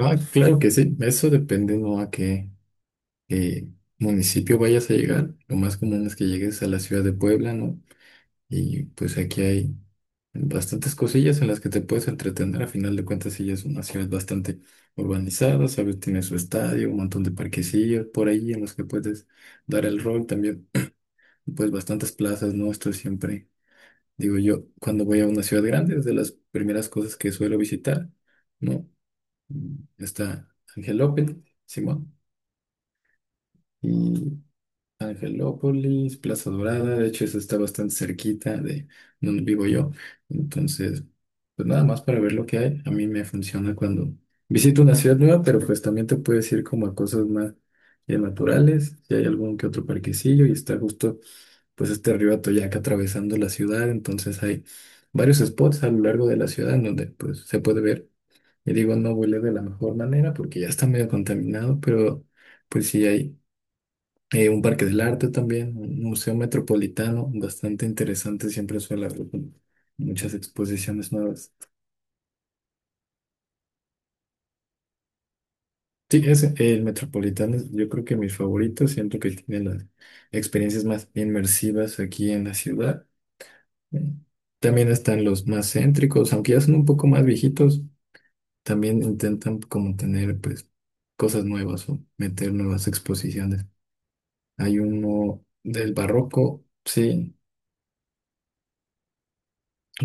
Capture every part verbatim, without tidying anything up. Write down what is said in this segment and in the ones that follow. Ah, claro que sí, eso dependiendo a qué, qué municipio vayas a llegar. Lo más común es que llegues a la ciudad de Puebla, ¿no? Y pues aquí hay bastantes cosillas en las que te puedes entretener. A final de cuentas, sí es una ciudad bastante urbanizada, ¿sabes? Tiene su estadio, un montón de parquecillos por ahí en los que puedes dar el rol también. Pues bastantes plazas, ¿no? Esto siempre, digo yo, cuando voy a una ciudad grande, es de las primeras cosas que suelo visitar, ¿no? Mm, Está Ángel López, Simón. Y Angelópolis, Plaza Dorada, de hecho eso está bastante cerquita de donde vivo yo, entonces pues nada más para ver lo que hay, a mí me funciona cuando visito una ciudad nueva, pero pues también te puedes ir como a cosas más ya naturales, si hay algún que otro parquecillo y está justo pues este río Atoyac atravesando la ciudad, entonces hay varios spots a lo largo de la ciudad en donde pues se puede ver, y digo no huele de la mejor manera porque ya está medio contaminado, pero pues sí hay eh, un parque del arte también, un museo metropolitano, bastante interesante, siempre suele haber muchas exposiciones nuevas. Sí, ese, el metropolitano es yo creo que mi favorito, siento que tiene las experiencias más inmersivas aquí en la ciudad. También están los más céntricos, aunque ya son un poco más viejitos, también intentan como tener pues cosas nuevas o meter nuevas exposiciones. Hay uno del barroco, sí,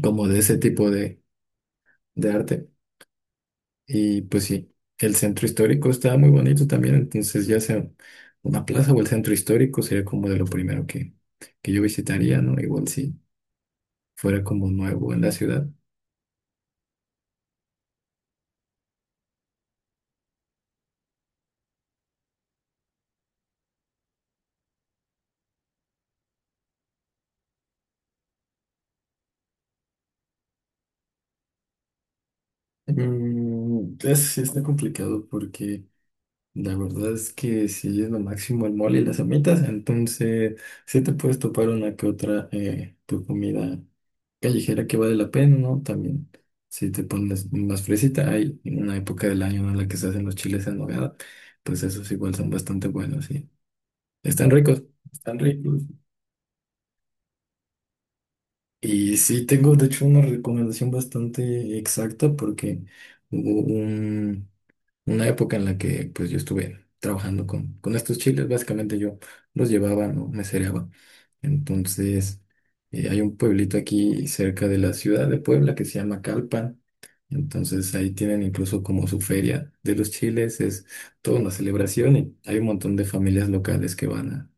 como de ese tipo de, de arte. Y pues sí, el centro histórico está muy bonito también, entonces ya sea una plaza o el centro histórico sería como de lo primero que, que yo visitaría, ¿no? Igual si fuera como nuevo en la ciudad. Mm, es, sí está complicado porque la verdad es que sí es lo máximo el mole y las amitas, entonces sí te puedes topar una que otra eh, tu comida callejera que vale la pena, ¿no? También, si te pones más fresita, hay una época del año, ¿no?, en la que se hacen los chiles en nogada, pues esos igual son bastante buenos, sí. Están ricos, están ricos. Y sí, tengo de hecho una recomendación bastante exacta porque hubo un, una época en la que pues yo estuve trabajando con, con estos chiles, básicamente yo los llevaba, no me cereaba. Entonces, eh, hay un pueblito aquí cerca de la ciudad de Puebla que se llama Calpan. Entonces ahí tienen incluso como su feria de los chiles, es toda una celebración y hay un montón de familias locales que van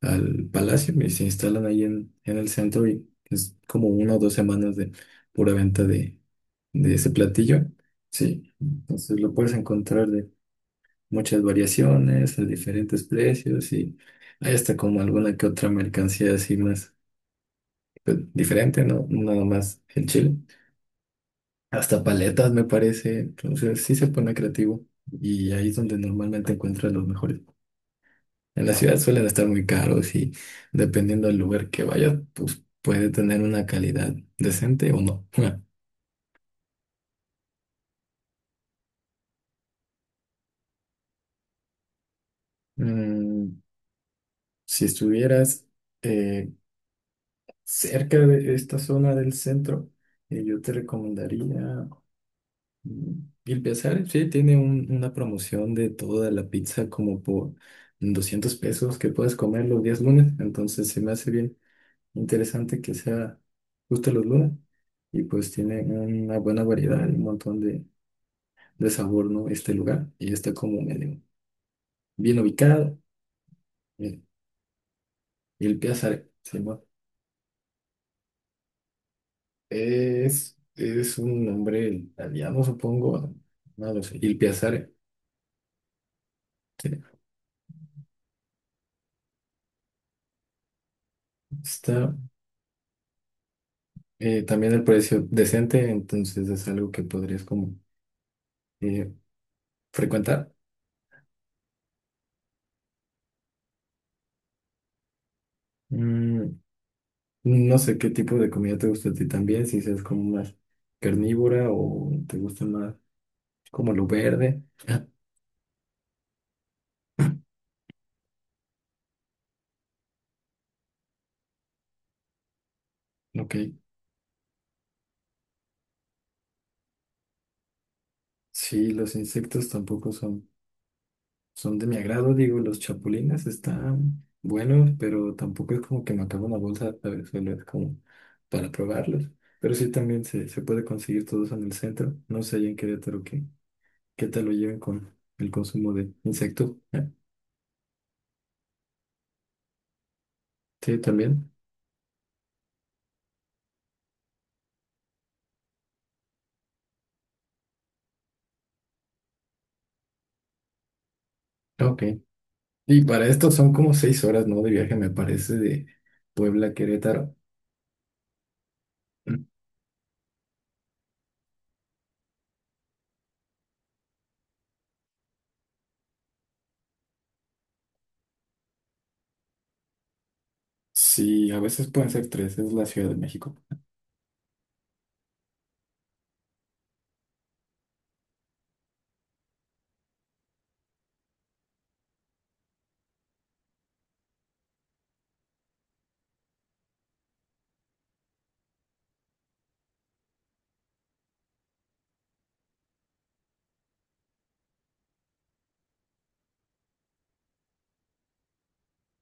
al palacio y se instalan ahí en, en el centro y es como una o dos semanas de pura venta de, de ese platillo. Sí, entonces lo puedes encontrar de muchas variaciones, a diferentes precios y hay hasta como alguna que otra mercancía así más pues, diferente, ¿no? Nada más el chile. Hasta paletas me parece, entonces sí se pone creativo y ahí es donde normalmente encuentras los mejores. En la ciudad suelen estar muy caros y dependiendo del lugar que vayas, pues puede tener una calidad decente o no. Mm, si estuvieras eh, cerca de esta zona del centro, eh, yo te recomendaría mm, Il Piazzale. Sí, tiene un- una promoción de toda la pizza como por doscientos pesos que puedes comer los días lunes. Entonces se me hace bien interesante que sea justo los lunes. Y pues tiene una buena variedad, un montón de de sabor, ¿no? Este lugar. Y está como medio bien ubicado. Bien. Y el Piazza se llama. Es, es un nombre italiano, supongo. No lo sé. Il Piazzale. Sí. Está eh, también el precio decente, entonces es algo que podrías como eh, frecuentar. Mm, no sé qué tipo de comida te gusta a ti también, si seas como más carnívora o te gusta más como lo verde. Ah, ok. Sí, los insectos tampoco son. Son de mi agrado, digo, los chapulines están buenos, pero tampoco es como que me acabo una bolsa, ¿sabes? Solo es como para probarlos. Pero sí también se, se puede conseguir todos en el centro. No sé allá en Querétaro qué, qué tal lo lleven con el consumo de insectos. ¿Eh? Sí, también. Ok. Y para esto son como seis horas, ¿no? De viaje, me parece, de Puebla a Querétaro. Mm, Sí, a veces pueden ser tres, es la Ciudad de México.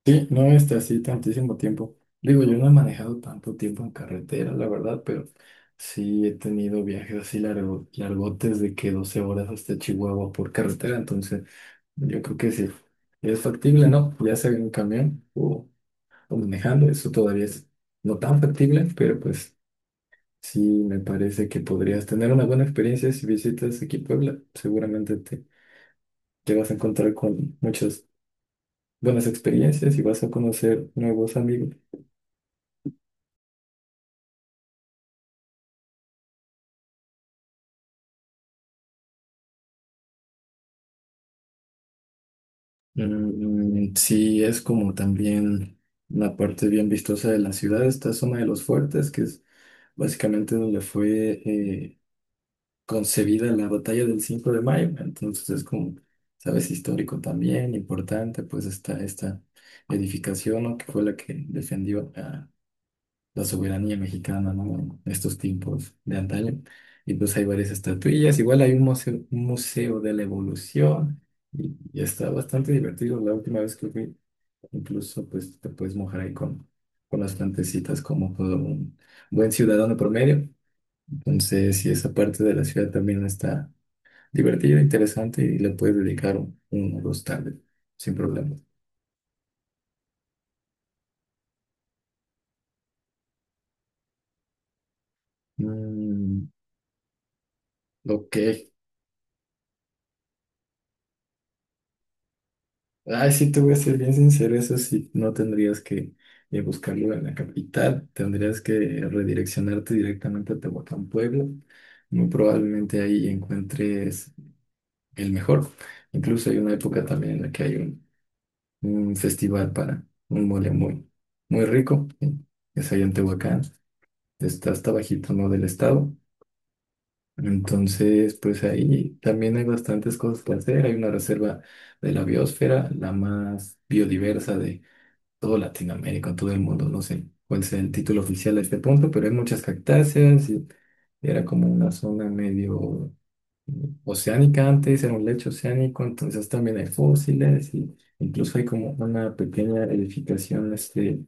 Sí, no está así tantísimo tiempo. Digo, yo no he manejado tanto tiempo en carretera, la verdad, pero sí he tenido viajes así largo, largotes de que doce horas hasta Chihuahua por carretera, entonces yo creo que sí, es factible, ¿no? Ya sea en camión o, o manejando, eso todavía es no tan factible, pero pues sí me parece que podrías tener una buena experiencia si visitas aquí Puebla, seguramente te, te vas a encontrar con muchas buenas experiencias y vas a conocer nuevos amigos. Mm, sí, es como también una parte bien vistosa de la ciudad. Esta es una de los fuertes, que es básicamente donde fue eh, concebida la batalla del cinco de mayo. Entonces es como, sabes, histórico también, importante, pues está esta edificación, ¿no? Que fue la que defendió a la soberanía mexicana, ¿no? En estos tiempos de antaño. Y pues hay varias estatuillas. Igual hay un museo, un museo de la evolución. Y, y está bastante divertido. La última vez que fui incluso pues te puedes mojar ahí con, con las plantecitas como todo un buen ciudadano promedio. Entonces, si esa parte de la ciudad también está divertida, interesante y le puedes dedicar un, un o dos tardes sin problema. Mm, ok. Ay, sí, te voy a ser bien sincero, eso sí, no tendrías que eh, buscarlo en la capital, tendrías que redireccionarte directamente a Tehuacán, Puebla. Muy probablemente ahí encuentres el mejor. Incluso hay una época también en la que hay un un festival para un mole muy, muy rico, que es allá en Tehuacán, está hasta bajito, ¿no? Del estado. Entonces, pues ahí también hay bastantes cosas que hacer. Hay una reserva de la biosfera, la más biodiversa de todo Latinoamérica, todo el mundo. No sé cuál sea el título oficial a este punto, pero hay muchas cactáceas y era como una zona medio oceánica antes, era un lecho oceánico, entonces también hay fósiles y incluso hay como una pequeña edificación este,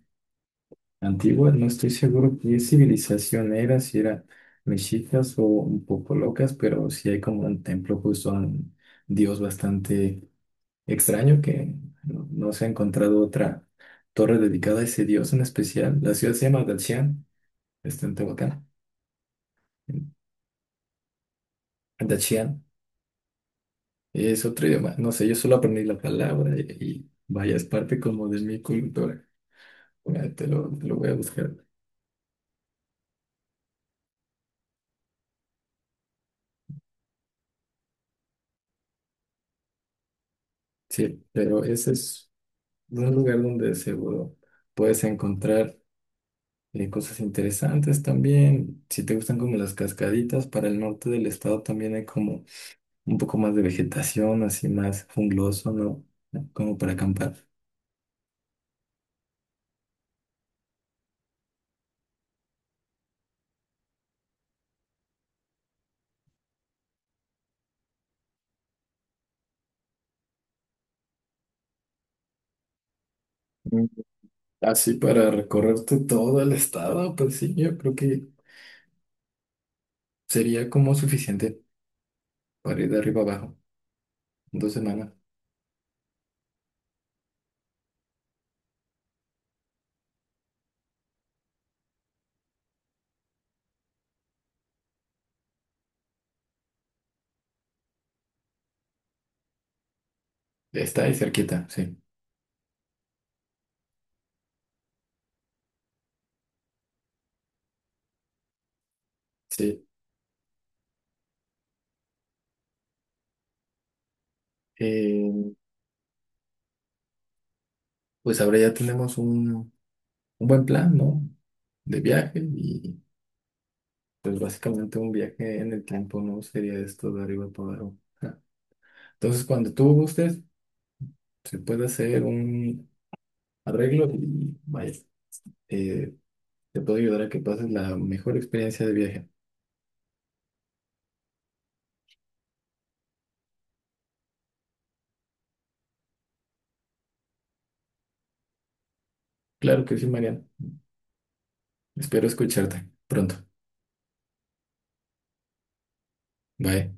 antigua, no estoy seguro qué civilización era, si era mexicas o un poco locas, pero sí hay como un templo justo a un dios bastante extraño que no, no se ha encontrado otra torre dedicada a ese dios en especial. La ciudad se llama Dachian, está en Tehuacán. Dachian. Es otro idioma. No sé, yo solo aprendí la palabra y, y vaya, es parte como de mi cultura. Mira, te lo, te lo voy a buscar. Sí, pero ese es un lugar donde seguro puedes encontrar eh, cosas interesantes también. Si te gustan como las cascaditas, para el norte del estado también hay como un poco más de vegetación, así más jungloso, ¿no? Como para acampar. Mm. Así para recorrerte todo el estado, pues sí, yo creo que sería como suficiente para ir de arriba abajo. Dos semanas. Está ahí cerquita, sí. Sí. Eh, pues ahora ya tenemos un, un buen plan, ¿no? De viaje y pues básicamente un viaje en el tiempo, ¿no? Sería esto de arriba para abajo. Ja. Entonces, cuando tú gustes, se puede hacer un arreglo y vaya, eh, te puedo ayudar a que pases la mejor experiencia de viaje. Claro que sí, Mariana. Espero escucharte pronto. Bye.